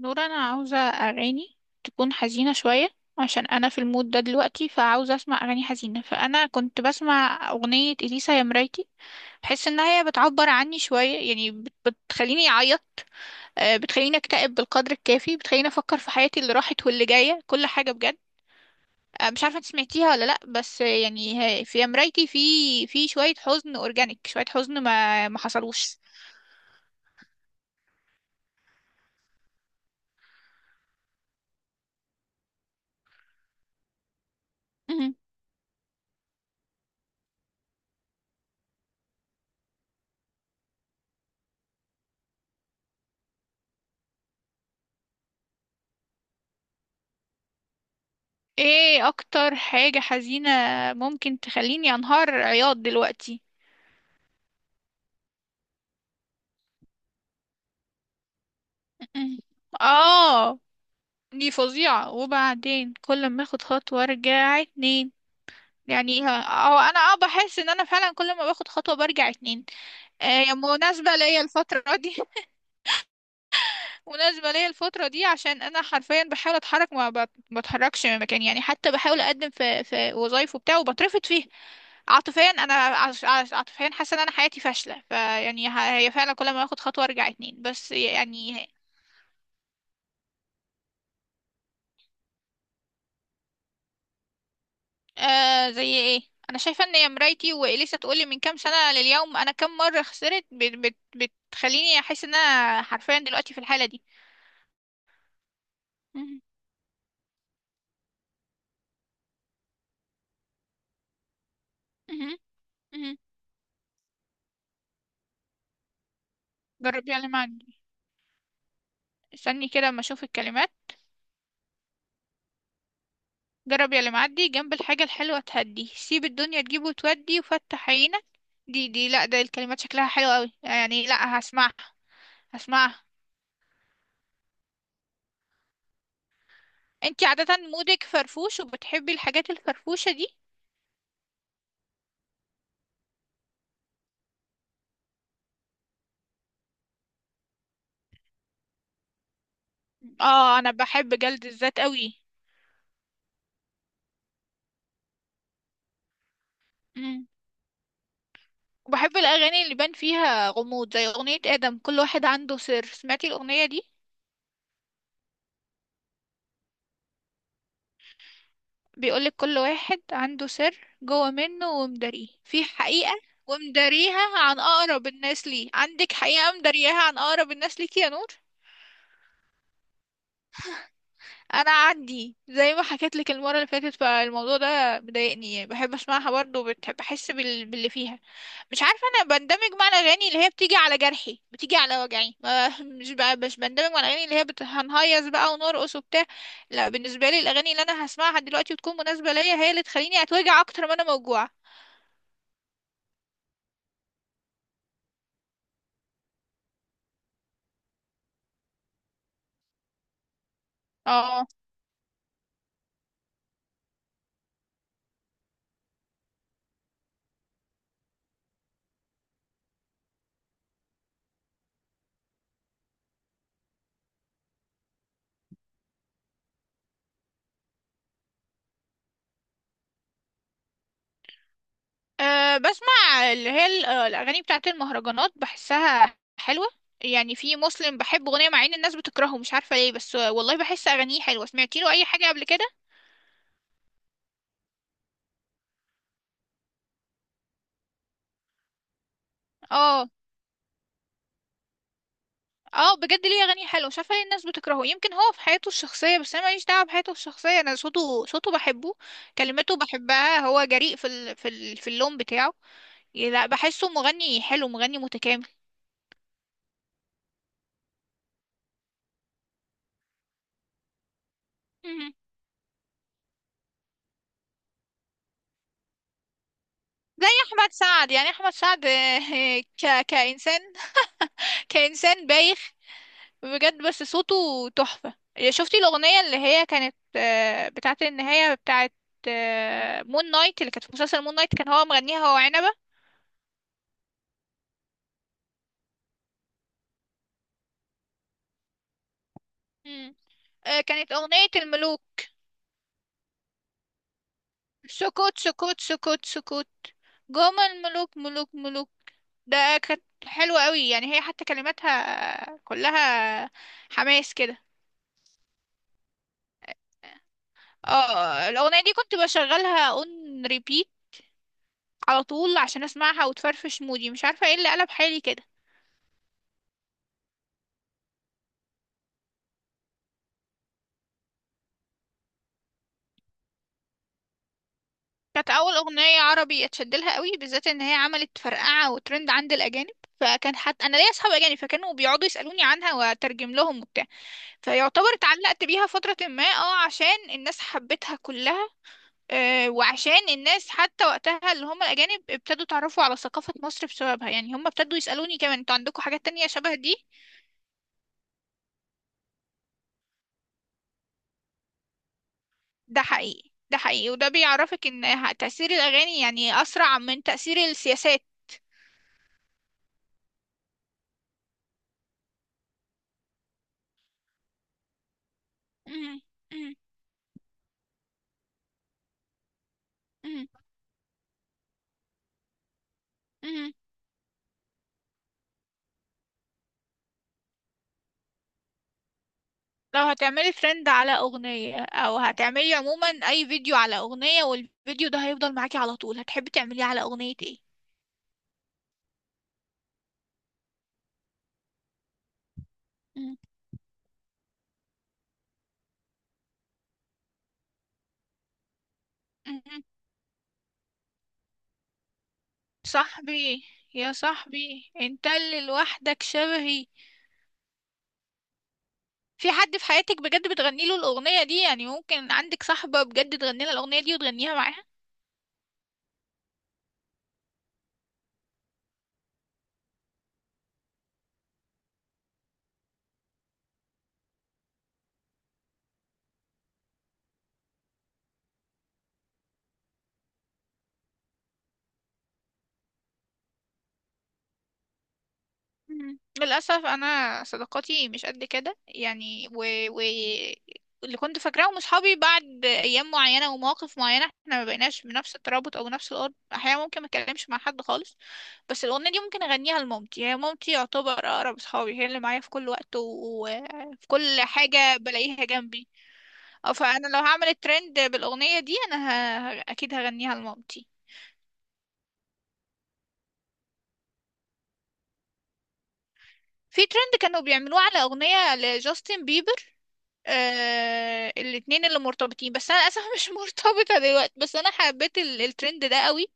نور انا عاوزة اغاني تكون حزينة شوية عشان انا في المود ده دلوقتي فعاوزة اسمع اغاني حزينة. فانا كنت بسمع اغنية اليسا يا مرايتي، بحس انها هي بتعبر عني شوية، يعني بتخليني اعيط. بتخليني اكتئب بالقدر الكافي، بتخليني افكر في حياتي اللي راحت واللي جاية، كل حاجة بجد. مش عارفة انت سمعتيها ولا لا، بس يعني في يا مرايتي في شوية حزن اورجانيك، شوية حزن ما حصلوش. ايه اكتر حاجة حزينة ممكن تخليني انهار عياط دلوقتي؟ اه، دي فظيعة. وبعدين كل ما اخد خطوة ارجع اتنين، يعني اه. أو انا اه بحس ان انا فعلا كل ما باخد خطوة برجع اتنين. آه يعني مناسبة ليا الفترة دي. مناسبة ليا الفترة دي عشان انا حرفيا بحاول اتحرك ما بت- بتحركش من مكاني. يعني حتى بحاول اقدم في وظايف وبتاع وبترفض فيها. عاطفيا انا عاطفيا حاسه ان انا حياتي فاشله. فيعني هي فعلا كل ما اخد خطوه ارجع اتنين، بس يعني. آه زي ايه؟ انا شايفه ان يا مرايتي واليسا تقولي من كام سنه لليوم انا كام مره خسرت بت بت بتخليني احس ان انا حرفيا دلوقتي في الحاله دي. مهم. مهم. مهم. جرب يا اللي معدي. استني كده اما اشوف الكلمات. جرب يا اللي معدي جنب الحاجه الحلوه تهدي، سيب الدنيا تجيب وتودي وفتح عينك. دي لا، ده الكلمات شكلها حلو قوي يعني. لا، هسمعها. هسمعها. انتي عادة مودك فرفوش وبتحبي الحاجات الفرفوشة دي؟ اه انا بحب جلد الذات قوي. امم، وبحب الاغاني اللي بان فيها غموض، زي اغنية ادم كل واحد عنده سر. سمعتي الاغنية دي؟ بيقولك كل واحد عنده سر جوه منه ومداريه في حقيقة، ومداريها عن اقرب الناس ليه. عندك حقيقة مدارياها عن اقرب الناس ليكي يا نور؟ انا عندي، زي ما حكيت لك المرة اللي فاتت، فالموضوع ده مضايقني يعني، بحب اسمعها برضه وبتحب احس باللي فيها. مش عارفة، أنا بندمج مع الأغاني اللي هي بتيجي على جرحي، بتيجي على وجعي، ما مش بقى، مش بندمج مع الأغاني اللي هي هنهيص بقى ونرقص وبتاع. لا بالنسبة لي، الأغاني اللي أنا هسمعها دلوقتي وتكون مناسبة ليا هي اللي تخليني أتوجع أكتر ما أنا موجوعة. اه، أه بسمع اللي هي الأغاني بتاعت المهرجانات، بحسها حلوة. يعني في مسلم بحب أغنية مع إن الناس بتكرهه، مش عارفة ليه، بس والله بحس أغانيه حلوة. سمعتي له أي حاجة قبل كده؟ اه اه. بجد ليه اغاني حلوه، مش عارفه ليه الناس بتكرهه، يمكن هو في حياته الشخصيه، بس انا ماليش دعوه بحياته الشخصيه. انا صوته، بحبه، كلماته بحبها، هو جريء في اللون بتاعه. لا بحسه مغني حلو، مغني متكامل. مهم. زي احمد سعد، يعني احمد سعد كانسان كانسان بايخ بجد، بس صوته تحفه. شفتي الاغنيه اللي هي كانت بتاعه النهايه بتاعه مون نايت، اللي كانت في مسلسل مون نايت كان هو مغنيها، هو عنبه؟ مم. كانت أغنية الملوك. سكوت سكوت سكوت سكوت، جم الملوك ملوك ملوك. ده كانت حلوة قوي، يعني هي حتى كلماتها كلها حماس كده. اه الأغنية دي كنت بشغلها اون ريبيت على طول عشان اسمعها وتفرفش مودي، مش عارفة ايه اللي قلب حالي كده. كانت أول أغنية عربي اتشدلها قوي، بالذات إن هي عملت فرقعة وترند عند الأجانب. فكان حتى أنا ليا أصحاب أجانب، فكانوا بيقعدوا يسألوني عنها وأترجم لهم وبتاع. فيعتبر اتعلقت بيها فترة ما، اه، عشان الناس حبتها كلها. وعشان الناس حتى وقتها اللي هم الأجانب ابتدوا يتعرفوا على ثقافة مصر بسببها، يعني هم ابتدوا يسألوني كمان انتوا عندكم حاجات تانية شبه دي. ده حقيقي، ده حقيقي، وده بيعرفك ان تأثير الأغاني يعني أسرع من تأثير السياسات. مم، مم، مم، مم. لو هتعملي ترند على أغنية، أو هتعملي عموما أي فيديو على أغنية والفيديو ده هيفضل معاكي على طول، هتحبي تعمليه على أغنية ايه؟ مم. مم. صاحبي. يا صاحبي انت اللي لوحدك شبهي. في حد في حياتك بجد بتغني له الأغنية دي؟ يعني ممكن عندك صاحبة بجد تغني لها الأغنية دي وتغنيها معاها؟ مم. للأسف أنا صداقاتي مش قد كده يعني، و... اللي كنت فاكراه من صحابي بعد أيام معينة ومواقف معينة احنا ما بقيناش بنفس الترابط أو نفس الأرض، أحيانا ممكن ما أتكلمش مع حد خالص. بس الأغنية دي ممكن أغنيها لمامتي، هي مامتي يعتبر أقرب صحابي، هي اللي معايا في كل وقت وفي كل حاجة بلاقيها جنبي. أو فأنا لو هعمل الترند بالأغنية دي أنا أكيد هغنيها لمامتي. في ترند كانوا بيعملوه على أغنية لجاستن بيبر، آه الاتنين اللي مرتبطين، بس انا للاسف مش مرتبطة دلوقتي، بس انا حبيت الترند ده قوي.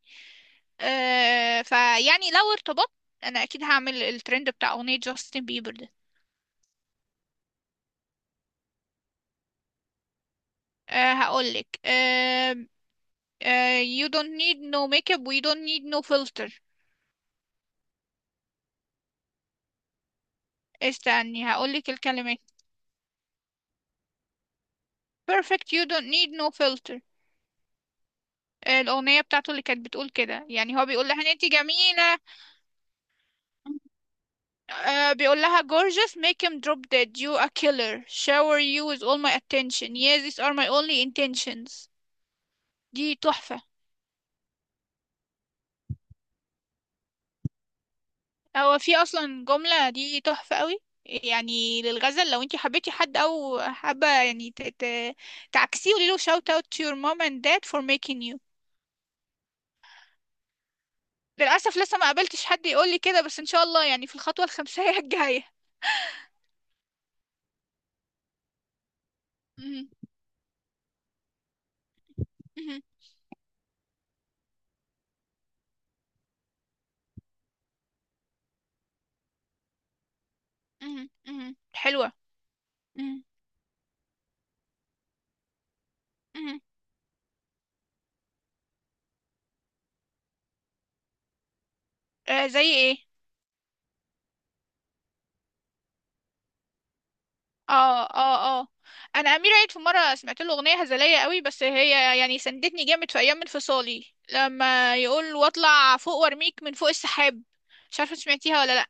آه فيعني لو ارتبطت انا اكيد هعمل الترند بتاع اغنية جاستن بيبر ده. آه هقولك آه. آه you don't need no makeup we don't need no filter. استني هقولك الكلمات. Perfect you don't need no filter. الأغنية بتاعته اللي كانت بتقول كده، يعني هو بيقول لها ان انتي جميلة. آه بيقول لها gorgeous make him drop dead you a killer shower you with all my attention yeah these are my only intentions. دي تحفة. هو في أصلا جملة دي تحفة قوي. يعني للغزل، لو انتي حبيتي حد أو حابة يعني تعكسيه، قولي له shout out to your mom and dad for making you. للأسف لسه ما قابلتش حد يقول لي كده، بس إن شاء الله يعني في الخطوة الخمسية الجاية. مهم. مهم. مهم. مهم. حلوة. مهم. مهم. آه زي ايه؟ اه اه اه. انا امير عيد في مره سمعت له اغنيه هزليه قوي، بس هي يعني سندتني جامد في ايام انفصالي. لما يقول واطلع فوق وارميك من فوق السحاب. مش عارفه سمعتيها ولا لا.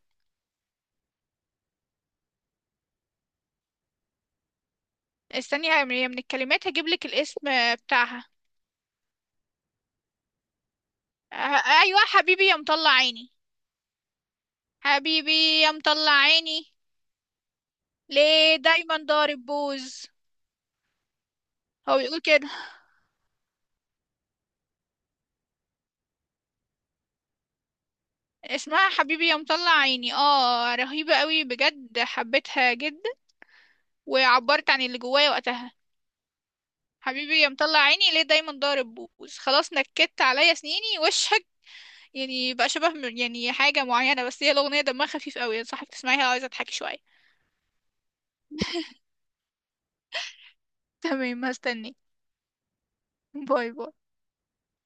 استني، هي من الكلمات هجيب لك الاسم بتاعها. آه، ايوه، حبيبي يا مطلع عيني. حبيبي يا مطلع عيني ليه دايما ضارب بوز. هو بيقول كده. اسمها حبيبي يا مطلع عيني، اه رهيبه قوي بجد، حبيتها جدا وعبرت عن اللي جوايا وقتها. حبيبي يا مطلع عيني ليه دايما ضارب بوز خلاص نكدت عليا سنيني وشك. يعني بقى شبه يعني حاجة معينة، بس هي الأغنية دمها خفيف قوي، انصحك تسمعيها لو عايزة تضحكي شوية. تمام هستني. باي باي.